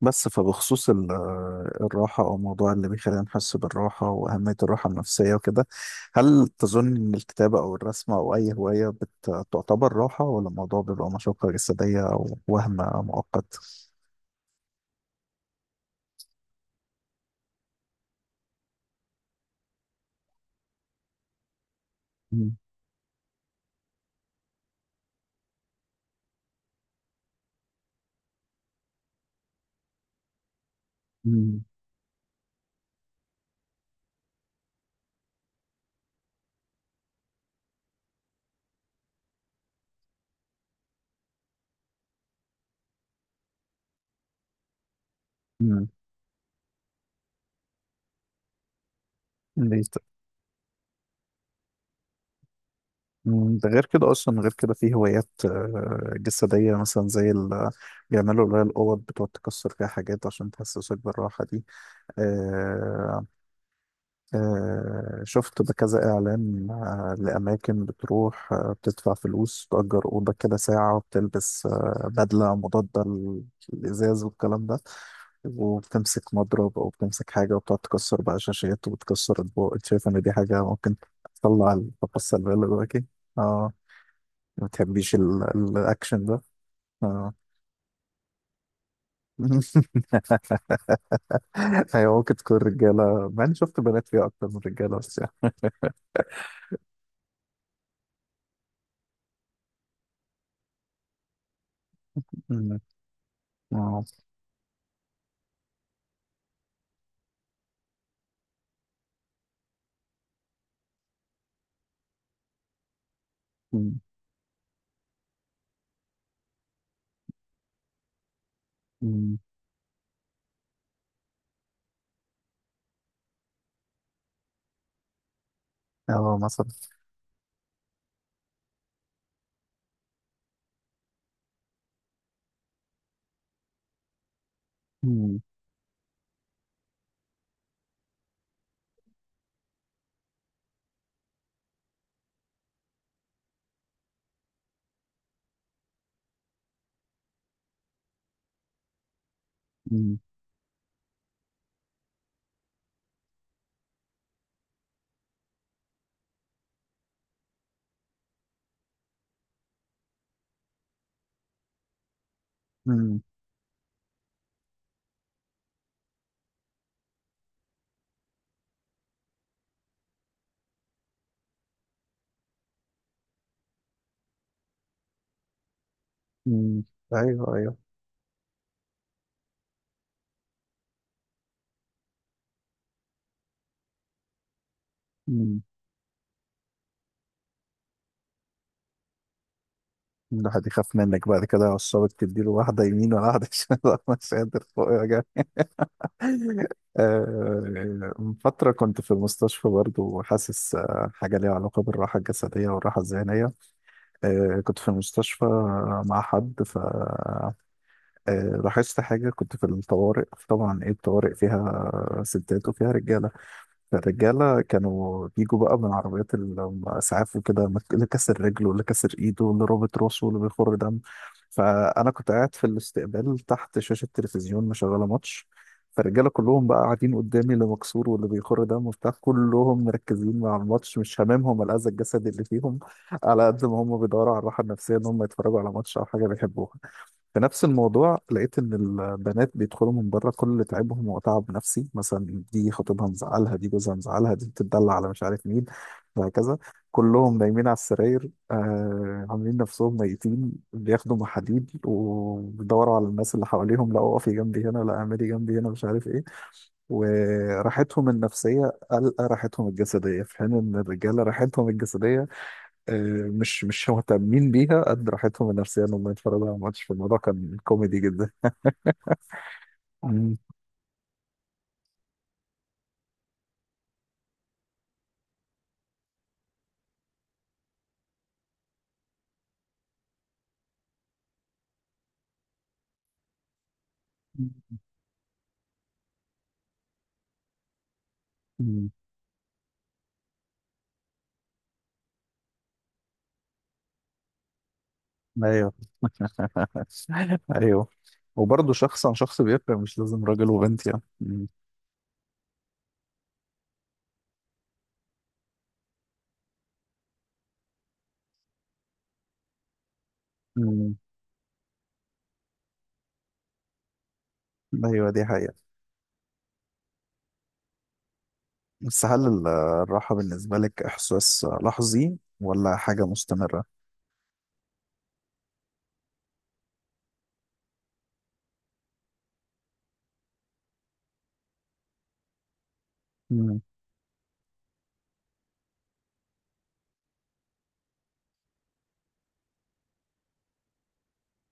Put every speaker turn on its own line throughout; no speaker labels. بس فبخصوص الراحة أو موضوع اللي بيخلينا نحس بالراحة وأهمية الراحة النفسية وكده. هل تظن إن الكتابة أو الرسم أو أي هواية تعتبر راحة ولا الموضوع بيبقى مشقة جسدية أو وهم مؤقت؟ مم. مم. مم. ليه ت- مم. ده غير كده أصلا غير كده في هوايات جسدية مثلا زي ال بيعملوا اللي هي الأوض بتقعد تكسر فيها حاجات عشان تحسسك بالراحة دي. شفت بكذا إعلان لأماكن بتروح بتدفع فلوس تأجر أوضة كده ساعة وبتلبس بدلة مضادة للإزاز والكلام ده. وبتمسك مضرب أو بتمسك حاجة وبتقعد تكسر بقى شاشات وبتكسر أطباق. أنت شايف إن دي حاجة ممكن تطلع الطاقة السلبية اللي جواكي؟ آه. ما بتحبيش الأكشن ده؟ آه. أيوة ممكن تكون رجالة مع إني شفت بنات فيها أكتر من رجالة بس يعني. مم. آه. مم. اه مثلا. مم، مم، مم، مم. ايوه ايوه. مم. الواحد يخاف منك بعد كده عصابة تديله واحدة يمين ولا واحدة شمال. والله مش قادر فوق يا جماعة. من فترة كنت في المستشفى برضو وحاسس حاجة ليها علاقة بالراحة الجسدية والراحة الذهنية. كنت في المستشفى مع حد. لاحظت حاجة. كنت في الطوارئ طبعا. ايه الطوارئ فيها؟ ستات وفيها رجالة. الرجالة كانوا بيجوا بقى من عربيات الإسعاف وكده اللي كسر رجله واللي كسر إيده واللي رابط راسه واللي بيخر دم. فأنا كنت قاعد في الاستقبال تحت شاشة تلفزيون مشغلة ماتش. فالرجالة كلهم بقى قاعدين قدامي اللي مكسور واللي بيخر دم وبتاع كلهم مركزين مع الماتش مش هاممهم الأذى الجسدي اللي فيهم على قد ما هم بيدوروا على الراحة النفسية إن هم يتفرجوا على ماتش أو حاجة بيحبوها. في نفس الموضوع لقيت ان البنات بيدخلوا من بره كل تعبهم وتعب نفسي مثلا دي خطيبها مزعلها دي جوزها مزعلها دي بتدلع على مش عارف مين وهكذا. كلهم نايمين على السراير عاملين نفسهم ميتين بياخدوا محاليل وبيدوروا على الناس اللي حواليهم لا اقفي جنبي هنا لا اعملي جنبي هنا مش عارف ايه. وراحتهم النفسيه قلقه راحتهم الجسديه في حين ان الرجاله راحتهم الجسديه مش مهتمين بيها قد راحتهم النفسية انهم يتفرجوا على ماتش. في الموضوع كان كوميدي جدا. مم. مم. ايوه. ايوه. وبرضه شخص عن شخص بيفرق مش لازم راجل وبنت يعني. مم. مم. ايوه دي حقيقة. بس هل الراحة بالنسبة لك احساس لحظي ولا حاجة مستمرة؟ مم.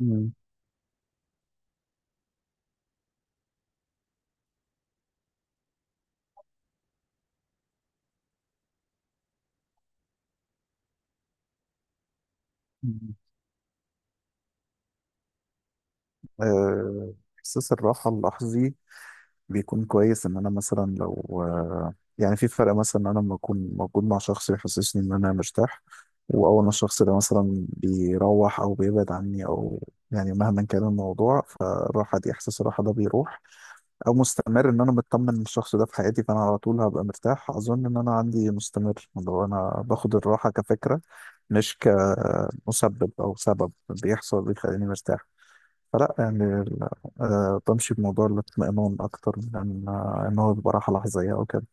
مم. مم. آه، احساس الراحة اللحظي بيكون كويس ان انا مثلا لو يعني في فرق مثلا ان انا لما اكون موجود مع شخص يحسسني ان انا مرتاح. واول ما الشخص ده مثلا بيروح او بيبعد عني يعني مهما كان الموضوع. فالراحه دي احساس الراحه ده بيروح او مستمر ان انا مطمن إن الشخص ده في حياتي فانا على طول هبقى مرتاح. اظن ان انا عندي مستمر لو انا باخد الراحه كفكره مش كمسبب او سبب بيحصل بيخليني مرتاح. فلا يعني بمشي بموضوع الاطمئنان أكتر من إن هو بيبقى راحة لحظية أو كده.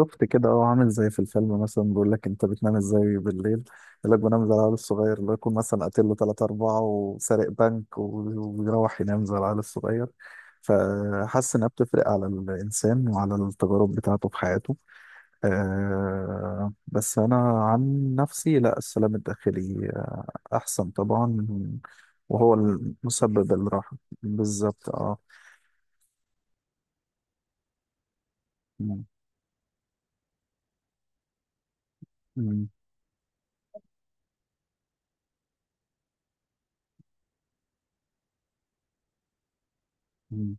شفت كده. عامل زي في الفيلم مثلا بيقول لك أنت بتنام إزاي بالليل. يقول لك بنام زي العيال الصغير اللي يكون مثلا قاتل له 3 4 وسارق بنك وبيروح ينام زي العيال الصغير. فحاسس إنها بتفرق على الإنسان وعلى التجارب بتاعته في حياته. أه بس أنا عن نفسي لا السلام الداخلي أحسن طبعا. وهو المسبب الراحة بالظبط. اه. مم. مم. مم.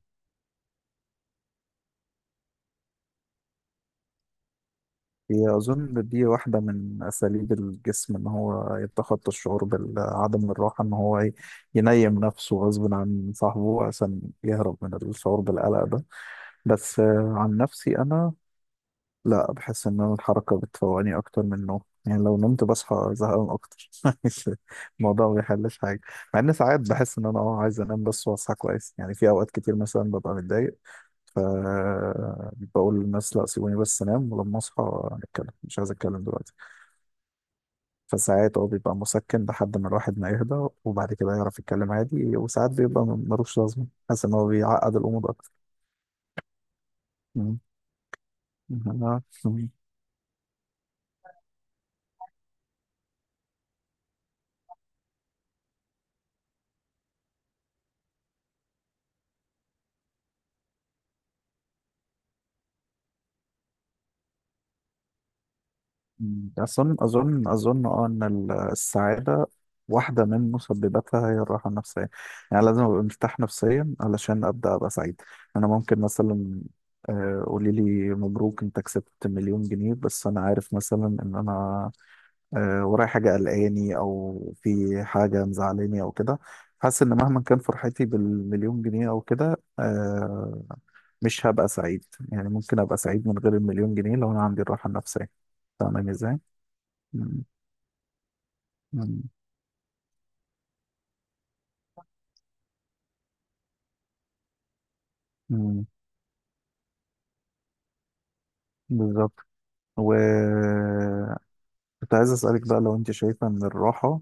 هي أظن دي واحدة من أساليب الجسم إن هو يتخطى الشعور بعدم الراحة إن هو ينيم نفسه غصب عن صاحبه عشان يهرب من الشعور بالقلق ده. بس عن نفسي أنا لا بحس ان أنا الحركه بتفوقني اكتر من النوم. يعني لو نمت بصحى زهقان اكتر. الموضوع ما بيحلش حاجه. مع ان ساعات بحس ان انا عايز انام بس واصحى كويس يعني في اوقات كتير مثلا ببقى متضايق. ف بقول للناس لا سيبوني بس انام ولما اصحى نتكلم مش عايز اتكلم دلوقتي. فساعات هو بيبقى مسكن لحد ما الواحد ما يهدى وبعد كده يعرف يتكلم عادي وساعات بيبقى ملوش لازمه حاسس ان هو بيعقد الامور اكتر. مم. آه. مم. أظن إن السعادة واحدة من مسبباتها هي الراحة النفسية. يعني لازم أبقى مرتاح نفسيا علشان أبدأ أبقى سعيد. أنا ممكن مثلا قولي لي مبروك أنت كسبت مليون جنيه بس أنا عارف مثلا إن أنا ورايا حاجة قلقاني أو في حاجة مزعلاني أو كده. حاسس إن مهما كان فرحتي بالمليون جنيه أو كده مش هبقى سعيد. يعني ممكن أبقى سعيد من غير المليون جنيه لو أنا عندي الراحة النفسية. فاهمة إزاي؟ مم. مم. مم. بالظبط. وكنت عايز أسألك بقى لو أنت شايفة إن الراحة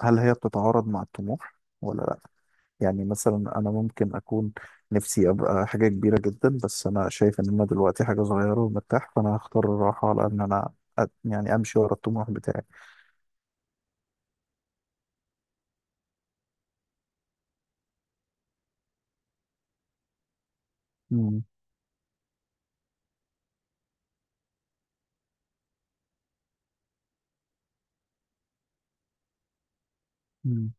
هل هي بتتعارض مع الطموح ولا لأ. يعني مثلا أنا ممكن أكون نفسي أبقى حاجة كبيرة جدا بس أنا شايف إن أنا دلوقتي حاجة صغيرة ومرتاح فأنا هختار الراحة على إن أنا يعني أمشي ورا الطموح بتاعي. مم. مم.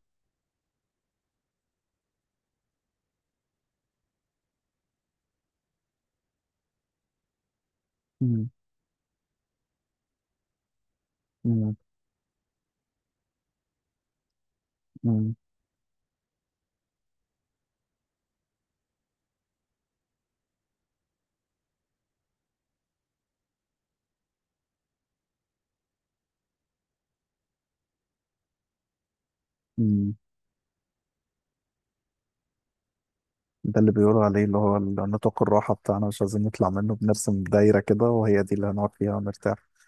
مم. مم. مم. مم. ده اللي بيقولوا عليه اللي هو نطاق الراحة بتاعنا مش عايزين نطلع منه بنرسم دايرة كده وهي دي اللي هنقعد فيها ونرتاح.